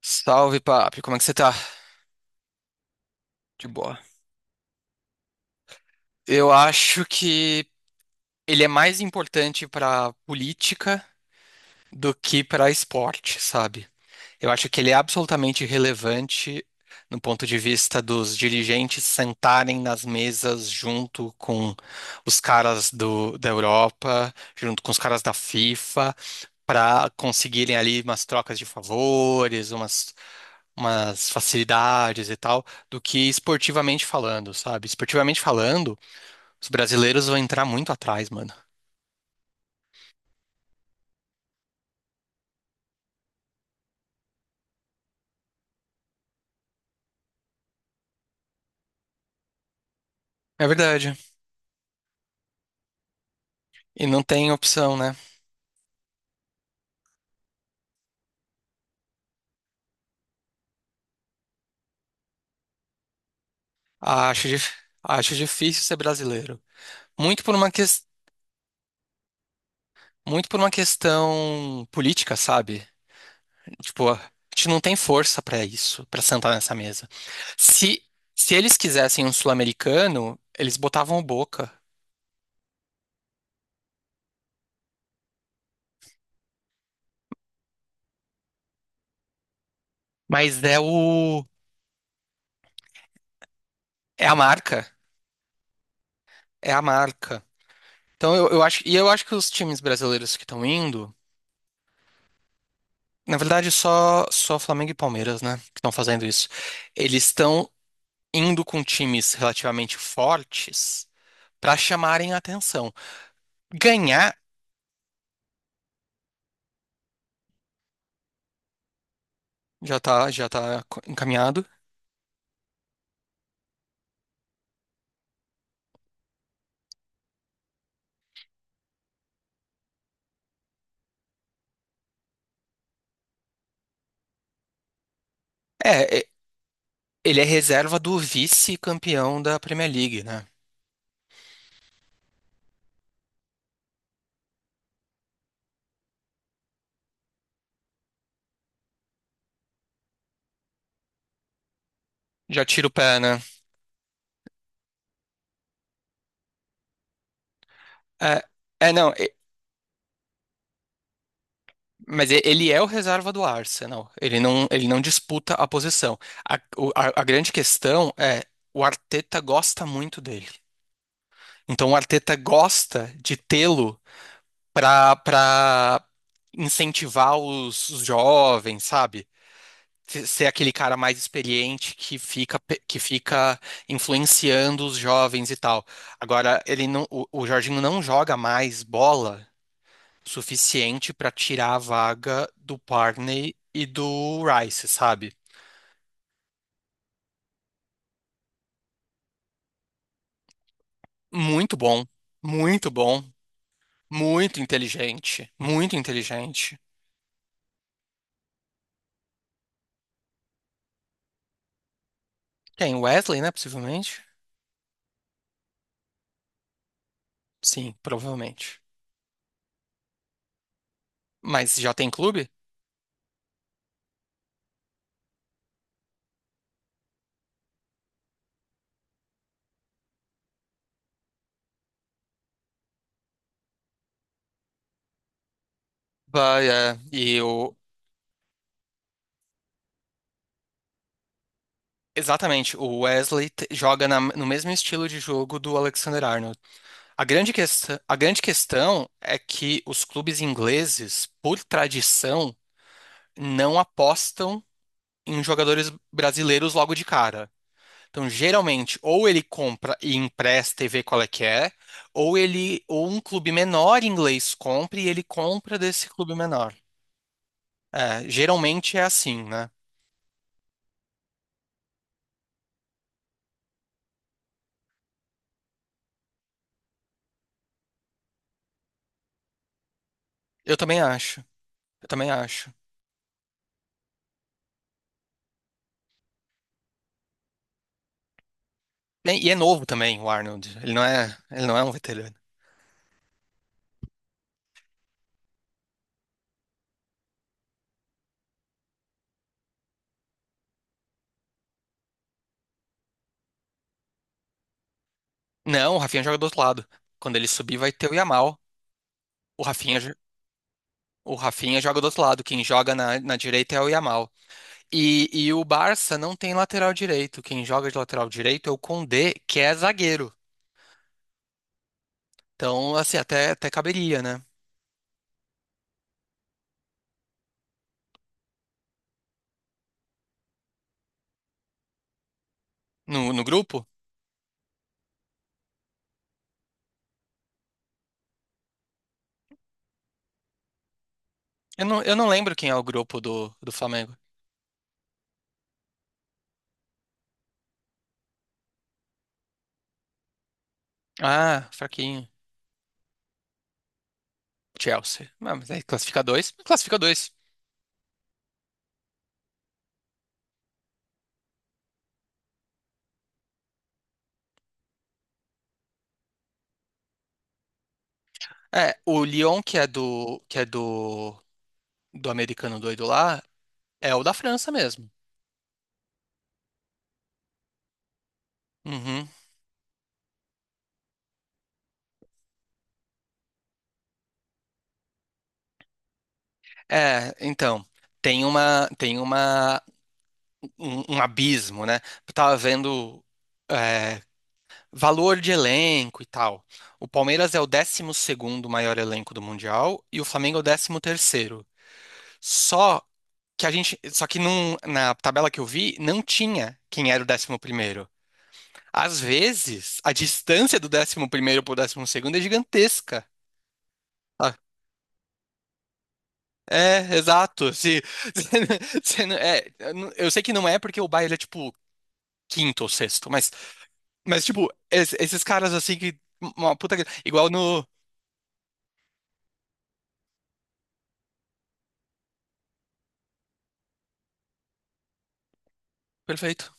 Salve, papi, como é que você tá? De boa. Eu acho que ele é mais importante pra política do que pra esporte, sabe? Eu acho que ele é absolutamente relevante no ponto de vista dos dirigentes sentarem nas mesas junto com os caras da Europa, junto com os caras da FIFA, para conseguirem ali umas trocas de favores, umas facilidades e tal, do que esportivamente falando, sabe? Esportivamente falando, os brasileiros vão entrar muito atrás, mano. É verdade. E não tem opção, né? Acho, dif- Acho difícil ser brasileiro. Muito por uma ques- Muito por uma questão política, sabe? Tipo, a gente não tem força pra isso, pra sentar nessa mesa. Se se eles quisessem um sul-americano, eles botavam o Boca. Mas é o É a marca, é a marca. Então eu acho, e eu acho que os times brasileiros que estão indo, na verdade só Flamengo e Palmeiras, né, que estão fazendo isso. Eles estão indo com times relativamente fortes para chamarem a atenção. Ganhar encaminhado. É, é, Ele é reserva do vice-campeão da Premier League, né? Já tira o pé, né? É, é não. Mas ele é o reserva do Arsenal. Ele não disputa a posição. A grande questão é o Arteta gosta muito dele. Então o Arteta gosta de tê-lo para incentivar os jovens, sabe? Ser aquele cara mais experiente que que fica influenciando os jovens e tal. Agora ele não, o Jorginho não joga mais bola suficiente para tirar a vaga do Parney e do Rice, sabe? Muito bom, muito bom, muito inteligente, muito inteligente. Tem Wesley, né, possivelmente? Sim, provavelmente. Mas já tem clube? Bah, é, e o Exatamente, o Wesley joga no mesmo estilo de jogo do Alexander Arnold. A grande questão é que os clubes ingleses, por tradição, não apostam em jogadores brasileiros logo de cara. Então, geralmente, ou ele compra e empresta e vê qual é que é, ou um clube menor inglês compra e ele compra desse clube menor. É, geralmente é assim, né? Eu também acho. Eu também acho. E é novo também, o Arnold. Ele não é um veterano. Não, o Rafinha joga do outro lado. Quando ele subir, vai ter o Yamal. O Rafinha, jo- o Rafinha joga do outro lado. Quem joga na direita é o Yamal. E o Barça não tem lateral direito. Quem joga de lateral direito é o Condé, que é zagueiro. Então, assim, até caberia, né? No grupo? Eu não lembro quem é o grupo do Flamengo. Ah, fraquinho. Chelsea. Ah, mas aí classifica dois. Classifica dois. É, o Lyon, que é do americano doido lá, é o da França mesmo. Uhum. É, então, tem uma, tem uma, um abismo, né? Eu tava vendo. é, Valor de elenco e tal. O Palmeiras é o décimo segundo maior elenco do Mundial e o Flamengo é o décimo terceiro. Só só que na tabela que eu vi, não tinha quem era o décimo primeiro. Às vezes, a distância do décimo primeiro para o décimo segundo é gigantesca. Ah, é, exato. Se, se não- se não- é, eu não- eu sei que não é porque o Bayern é tipo quinto ou sexto, mas tipo, esses caras assim que uma puta igual no Perfeito.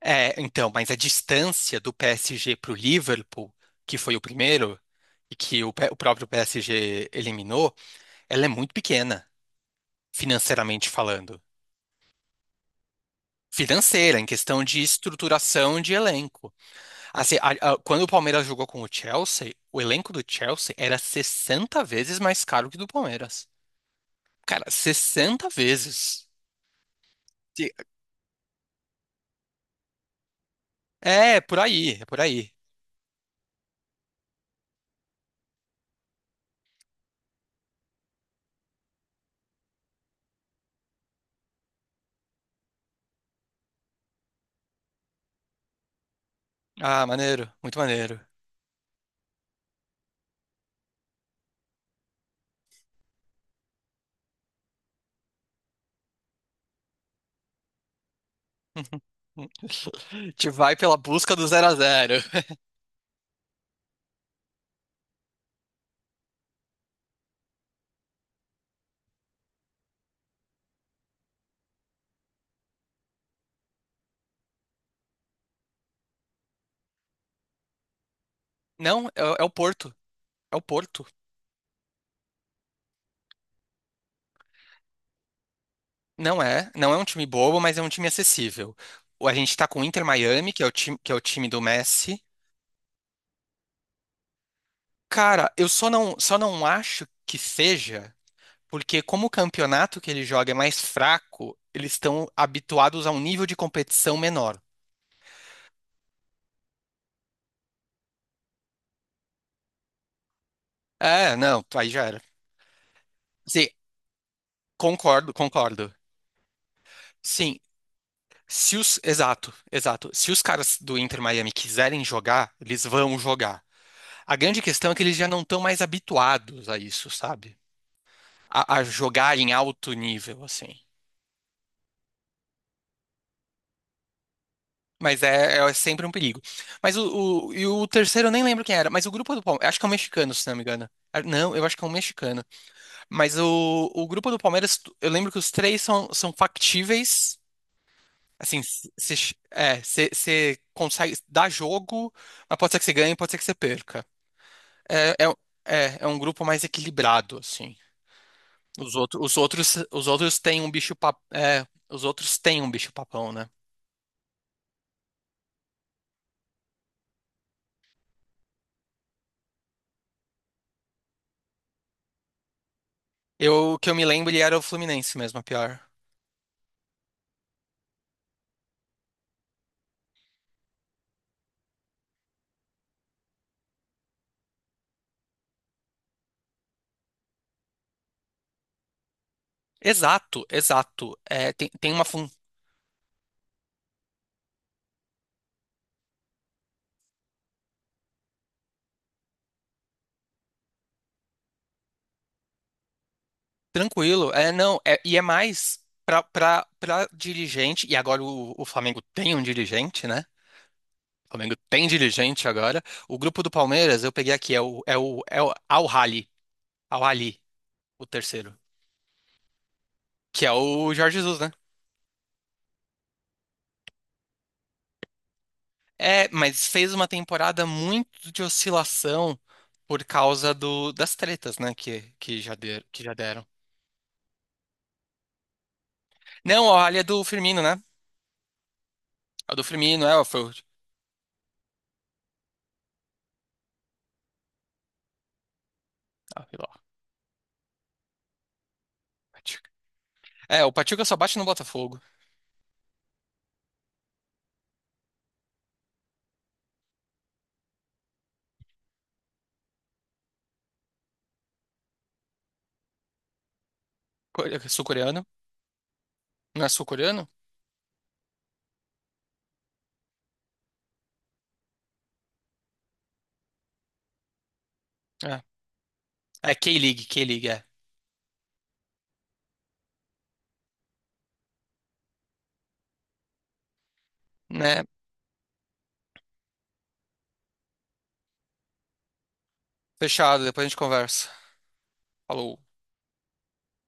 É, então, mas a distância do PSG para o Liverpool, que foi o primeiro, e que o próprio PSG eliminou, ela é muito pequena, financeiramente falando. Financeira, em questão de estruturação de elenco. Assim, quando o Palmeiras jogou com o Chelsea, o elenco do Chelsea era 60 vezes mais caro que o do Palmeiras. Cara, 60 vezes. Se- É, é por aí, é por aí. Ah, maneiro, muito maneiro. A gente vai pela busca do zero a zero? Não, é, é o Porto. É o Porto. Não é um time bobo, mas é um time acessível. A gente tá com o Inter Miami, que é o time, que é o time do Messi. Cara, eu só não acho que seja, porque como o campeonato que ele joga é mais fraco, eles estão habituados a um nível de competição menor. É, não, aí já era. Sim, concordo, concordo. Sim, se os, exato, exato. Se os caras do Inter Miami quiserem jogar, eles vão jogar. A grande questão é que eles já não estão mais habituados a isso, sabe? A a jogar em alto nível, assim. Mas é, é sempre um perigo. Mas e o terceiro eu nem lembro quem era, mas o grupo do Palmeiras, acho que é um mexicano, se não me engano. Ah, não, eu acho que é um mexicano. Mas o grupo do Palmeiras, eu lembro que os três são factíveis. Assim, você cê consegue dar jogo, mas pode ser que você ganhe, pode ser que você perca. É, é, é um grupo mais equilibrado, assim. Os outros têm um os outros têm um bicho papão, né? O que eu me lembro, ele era o Fluminense mesmo, a pior. Exato, exato. É, tem, tem uma fun... Tranquilo. É, não, e é mais pra dirigente, e agora o Flamengo tem um dirigente, né? O Flamengo tem dirigente agora. O grupo do Palmeiras, eu peguei aqui, é é o Al-Ahly, Al-Ahly, o terceiro, que é o Jorge Jesus, né? É, mas fez uma temporada muito de oscilação por causa das tretas, né? Que já deram. Não, a ali é do Firmino, né? A do Firmino, é, foi o. Ah, sei lá, Pachuca. É, o Pachuca só bate no Botafogo. É sul-coreano? Não é sul-coreano? É. É K-League, K-League, é. Né? Fechado, depois a gente conversa. Falou.